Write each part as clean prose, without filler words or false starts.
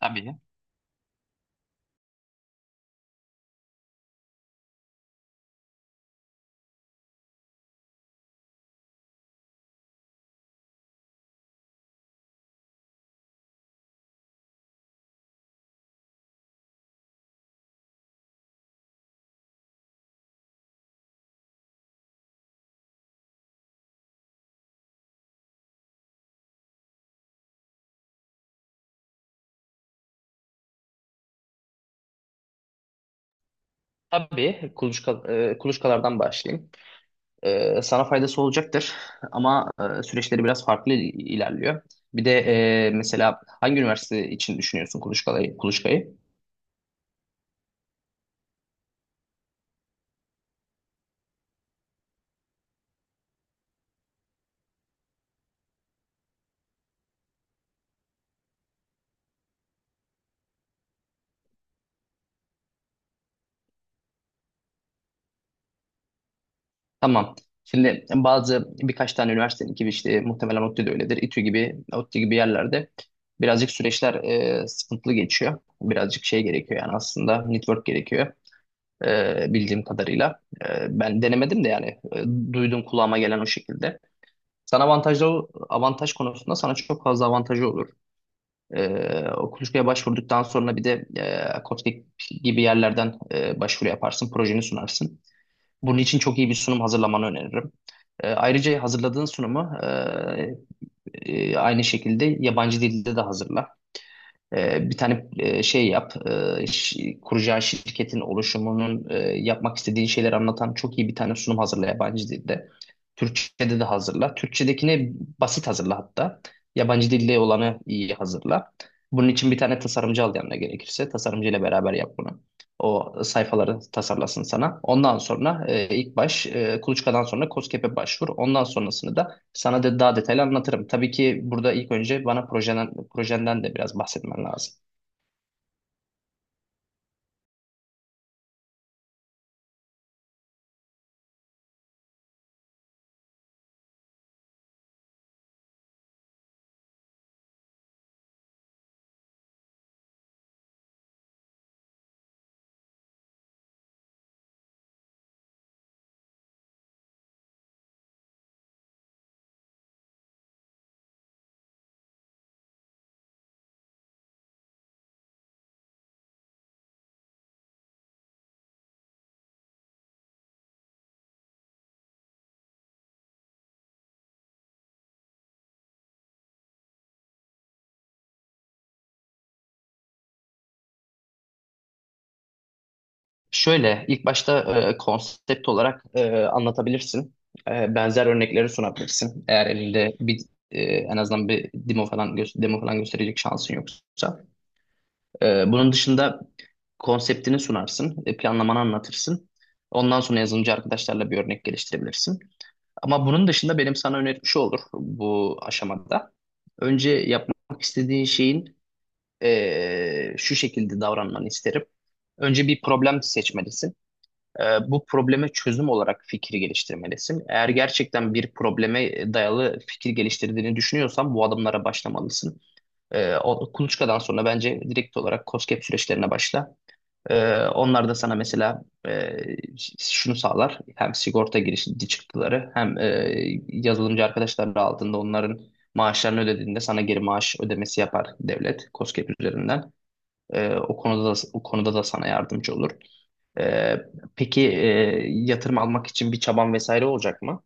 Tabii. Tabii kuluçka, kuluçkalardan başlayayım. Sana faydası olacaktır ama süreçleri biraz farklı ilerliyor. Bir de mesela hangi üniversite için düşünüyorsun kuluçkayı? Tamam. Şimdi bazı birkaç tane üniversitenin gibi işte muhtemelen ODTÜ de öyledir. İTÜ gibi, ODTÜ gibi yerlerde birazcık süreçler sıkıntılı geçiyor. Birazcık şey gerekiyor yani aslında network gerekiyor bildiğim kadarıyla. Ben denemedim de yani duydum kulağıma gelen o şekilde. Sana avantaj konusunda sana çok fazla avantajı olur. E, O kuluçkaya başvurduktan sonra bir de Koçtik gibi yerlerden başvuru yaparsın, projeni sunarsın. Bunun için çok iyi bir sunum hazırlamanı öneririm. Ayrıca hazırladığın sunumu aynı şekilde yabancı dilde de hazırla. Bir tane kuracağı şirketin oluşumunun yapmak istediği şeyleri anlatan çok iyi bir tane sunum hazırla yabancı dilde. Türkçe'de de hazırla. Türkçedekini basit hazırla hatta. Yabancı dilde olanı iyi hazırla. Bunun için bir tane tasarımcı al yanına gerekirse. Tasarımcı ile beraber yap bunu. O sayfaları tasarlasın sana. Ondan sonra Kuluçka'dan sonra KOSGEB'e başvur. Ondan sonrasını da sana da daha detaylı anlatırım. Tabii ki burada ilk önce bana projenden de biraz bahsetmen lazım. Şöyle, ilk başta konsept olarak anlatabilirsin. Benzer örnekleri sunabilirsin. Eğer elinde bir en azından bir demo falan gösterecek şansın yoksa. Bunun dışında konseptini sunarsın, planlamanı anlatırsın. Ondan sonra yazılımcı arkadaşlarla bir örnek geliştirebilirsin. Ama bunun dışında benim sana önerim şu olur bu aşamada. Önce yapmak istediğin şeyin şu şekilde davranmanı isterim. Önce bir problem seçmelisin. Bu probleme çözüm olarak fikri geliştirmelisin. Eğer gerçekten bir probleme dayalı fikir geliştirdiğini düşünüyorsan bu adımlara başlamalısın. Kuluçkadan sonra bence direkt olarak KOSGEB süreçlerine başla. Onlar da sana mesela e, şunu sağlar. Hem sigorta girişi çıktıları hem yazılımcı arkadaşları aldığında onların maaşlarını ödediğinde sana geri maaş ödemesi yapar devlet KOSGEB üzerinden. O konuda da sana yardımcı olur. Ee, peki yatırım almak için bir çaban vesaire olacak mı?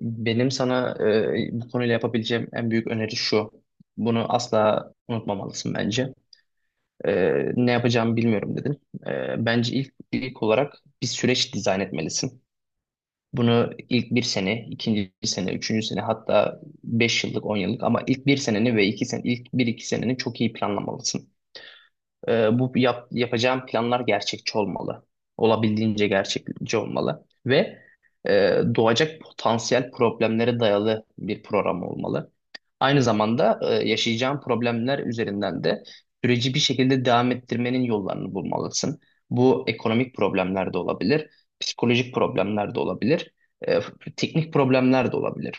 Benim sana bu konuyla yapabileceğim en büyük öneri şu. Bunu asla unutmamalısın bence. Ne yapacağımı bilmiyorum dedin. Bence ilk olarak bir süreç dizayn etmelisin. Bunu ilk bir sene, ikinci sene, üçüncü sene hatta 5 yıllık, 10 yıllık ama ilk bir seneni ve iki sen ilk bir iki seneni çok iyi planlamalısın. Yapacağım planlar gerçekçi olmalı. Olabildiğince gerçekçi olmalı. Ve doğacak potansiyel problemlere dayalı bir program olmalı. Aynı zamanda yaşayacağın problemler üzerinden de süreci bir şekilde devam ettirmenin yollarını bulmalısın. Bu ekonomik problemler de olabilir, psikolojik problemler de olabilir, e, teknik problemler de olabilir.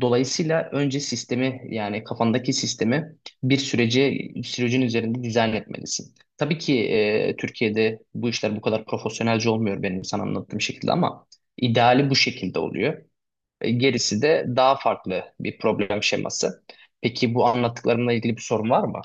Dolayısıyla önce sistemi yani kafandaki sistemi bir süreci sürecin üzerinde dizayn etmelisin. Tabii ki Türkiye'de bu işler bu kadar profesyonelce olmuyor benim sana anlattığım şekilde ama ideali bu şekilde oluyor. Gerisi de daha farklı bir problem şeması. Peki bu anlattıklarımla ilgili bir sorun var mı?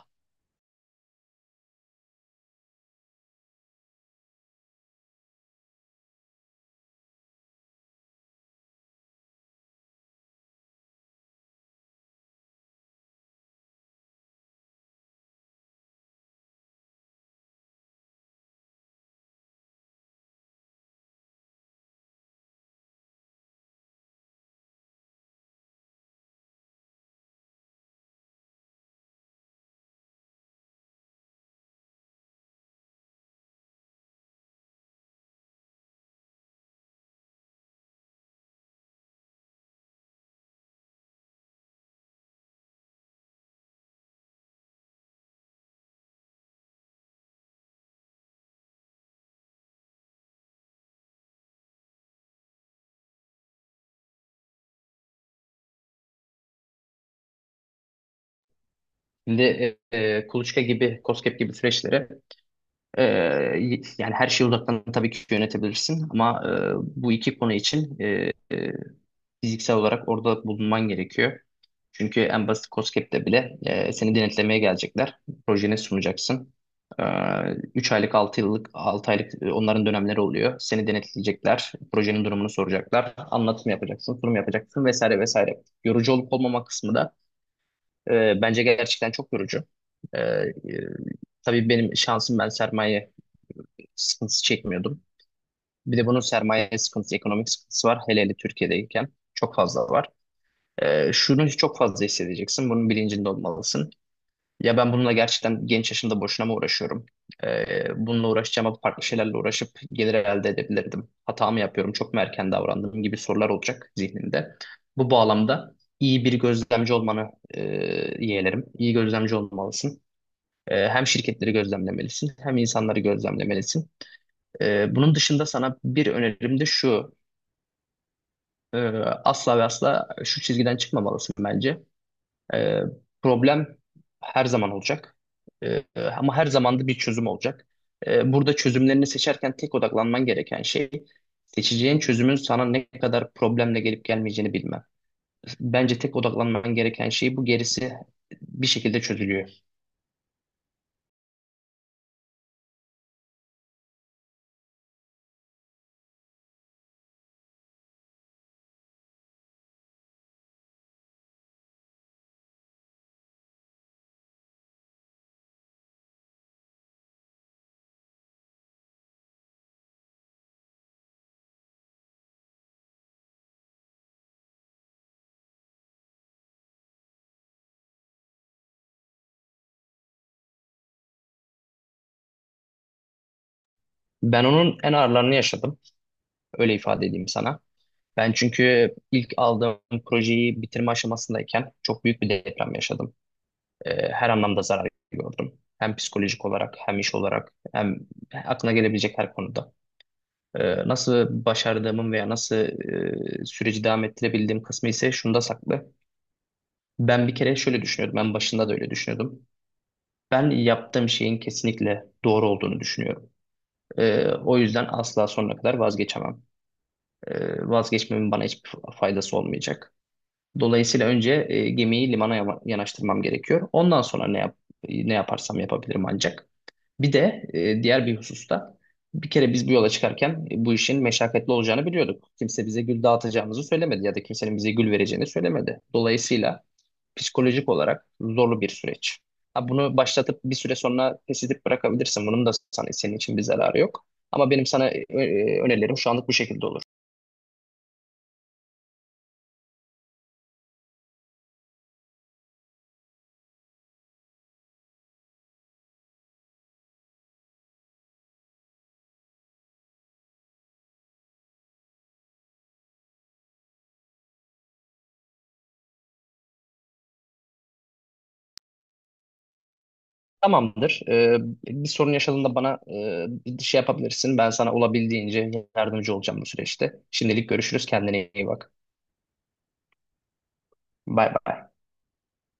Şimdi Kuluçka gibi, KOSGEB gibi süreçleri e, yani her şeyi uzaktan tabii ki yönetebilirsin ama bu iki konu için fiziksel olarak orada bulunman gerekiyor. Çünkü en basit COSGAP'te bile seni denetlemeye gelecekler. Projeni sunacaksın. E, 3 aylık, 6 yıllık, 6 aylık onların dönemleri oluyor. Seni denetleyecekler. Projenin durumunu soracaklar. Anlatım yapacaksın, sunum yapacaksın vesaire vesaire. Yorucu olup olmama kısmı da bence gerçekten çok yorucu. E, e, tabii benim şansım ben sermaye sıkıntısı çekmiyordum. Bir de bunun sermaye sıkıntısı, ekonomik sıkıntısı var. Hele hele Türkiye'deyken çok fazla var. Şunu çok fazla hissedeceksin. Bunun bilincinde olmalısın. Ya ben bununla gerçekten genç yaşımda boşuna mı uğraşıyorum? Bununla uğraşacağıma farklı şeylerle uğraşıp gelir elde edebilirdim. Hata mı yapıyorum? Çok mu erken davrandım? Gibi sorular olacak zihninde. Bu bağlamda iyi bir gözlemci olmanı e, yeğlerim. İyi gözlemci olmalısın. Hem şirketleri gözlemlemelisin, hem insanları gözlemlemelisin. Bunun dışında sana bir önerim de şu. Ee, Asla ve asla şu çizgiden çıkmamalısın bence. Ee, Problem her zaman olacak. Ee, Ama her zaman da bir çözüm olacak. Burada çözümlerini seçerken tek odaklanman gereken şey seçeceğin çözümün sana ne kadar problemle gelip gelmeyeceğini bilmem. Bence tek odaklanman gereken şey bu, gerisi bir şekilde çözülüyor. Ben onun en ağırlarını yaşadım. Öyle ifade edeyim sana. Ben çünkü ilk aldığım projeyi bitirme aşamasındayken çok büyük bir deprem yaşadım. Her anlamda zarar gördüm. Hem psikolojik olarak hem iş olarak hem aklına gelebilecek her konuda. Nasıl başardığımın veya nasıl süreci devam ettirebildiğim kısmı ise şunda saklı. Ben bir kere şöyle düşünüyordum. Ben başında da öyle düşünüyordum. Ben yaptığım şeyin kesinlikle doğru olduğunu düşünüyorum. O yüzden asla sonuna kadar vazgeçemem. Vazgeçmemin bana hiçbir faydası olmayacak. Dolayısıyla önce gemiyi limana yanaştırmam gerekiyor. Ondan sonra ne yaparsam yapabilirim ancak. Bir de diğer bir hususta bir kere biz bu yola çıkarken bu işin meşakkatli olacağını biliyorduk. Kimse bize gül dağıtacağımızı söylemedi ya da kimsenin bize gül vereceğini söylemedi. Dolayısıyla psikolojik olarak zorlu bir süreç. Ha, bunu başlatıp bir süre sonra pes edip bırakabilirsin. Bunun da sana, senin için bir zararı yok. Ama benim sana önerilerim şu anlık bu şekilde olur. Tamamdır. Bir sorun yaşadığında bana bir şey yapabilirsin. Ben sana olabildiğince yardımcı olacağım bu süreçte. Şimdilik görüşürüz. Kendine iyi bak. Bay bay.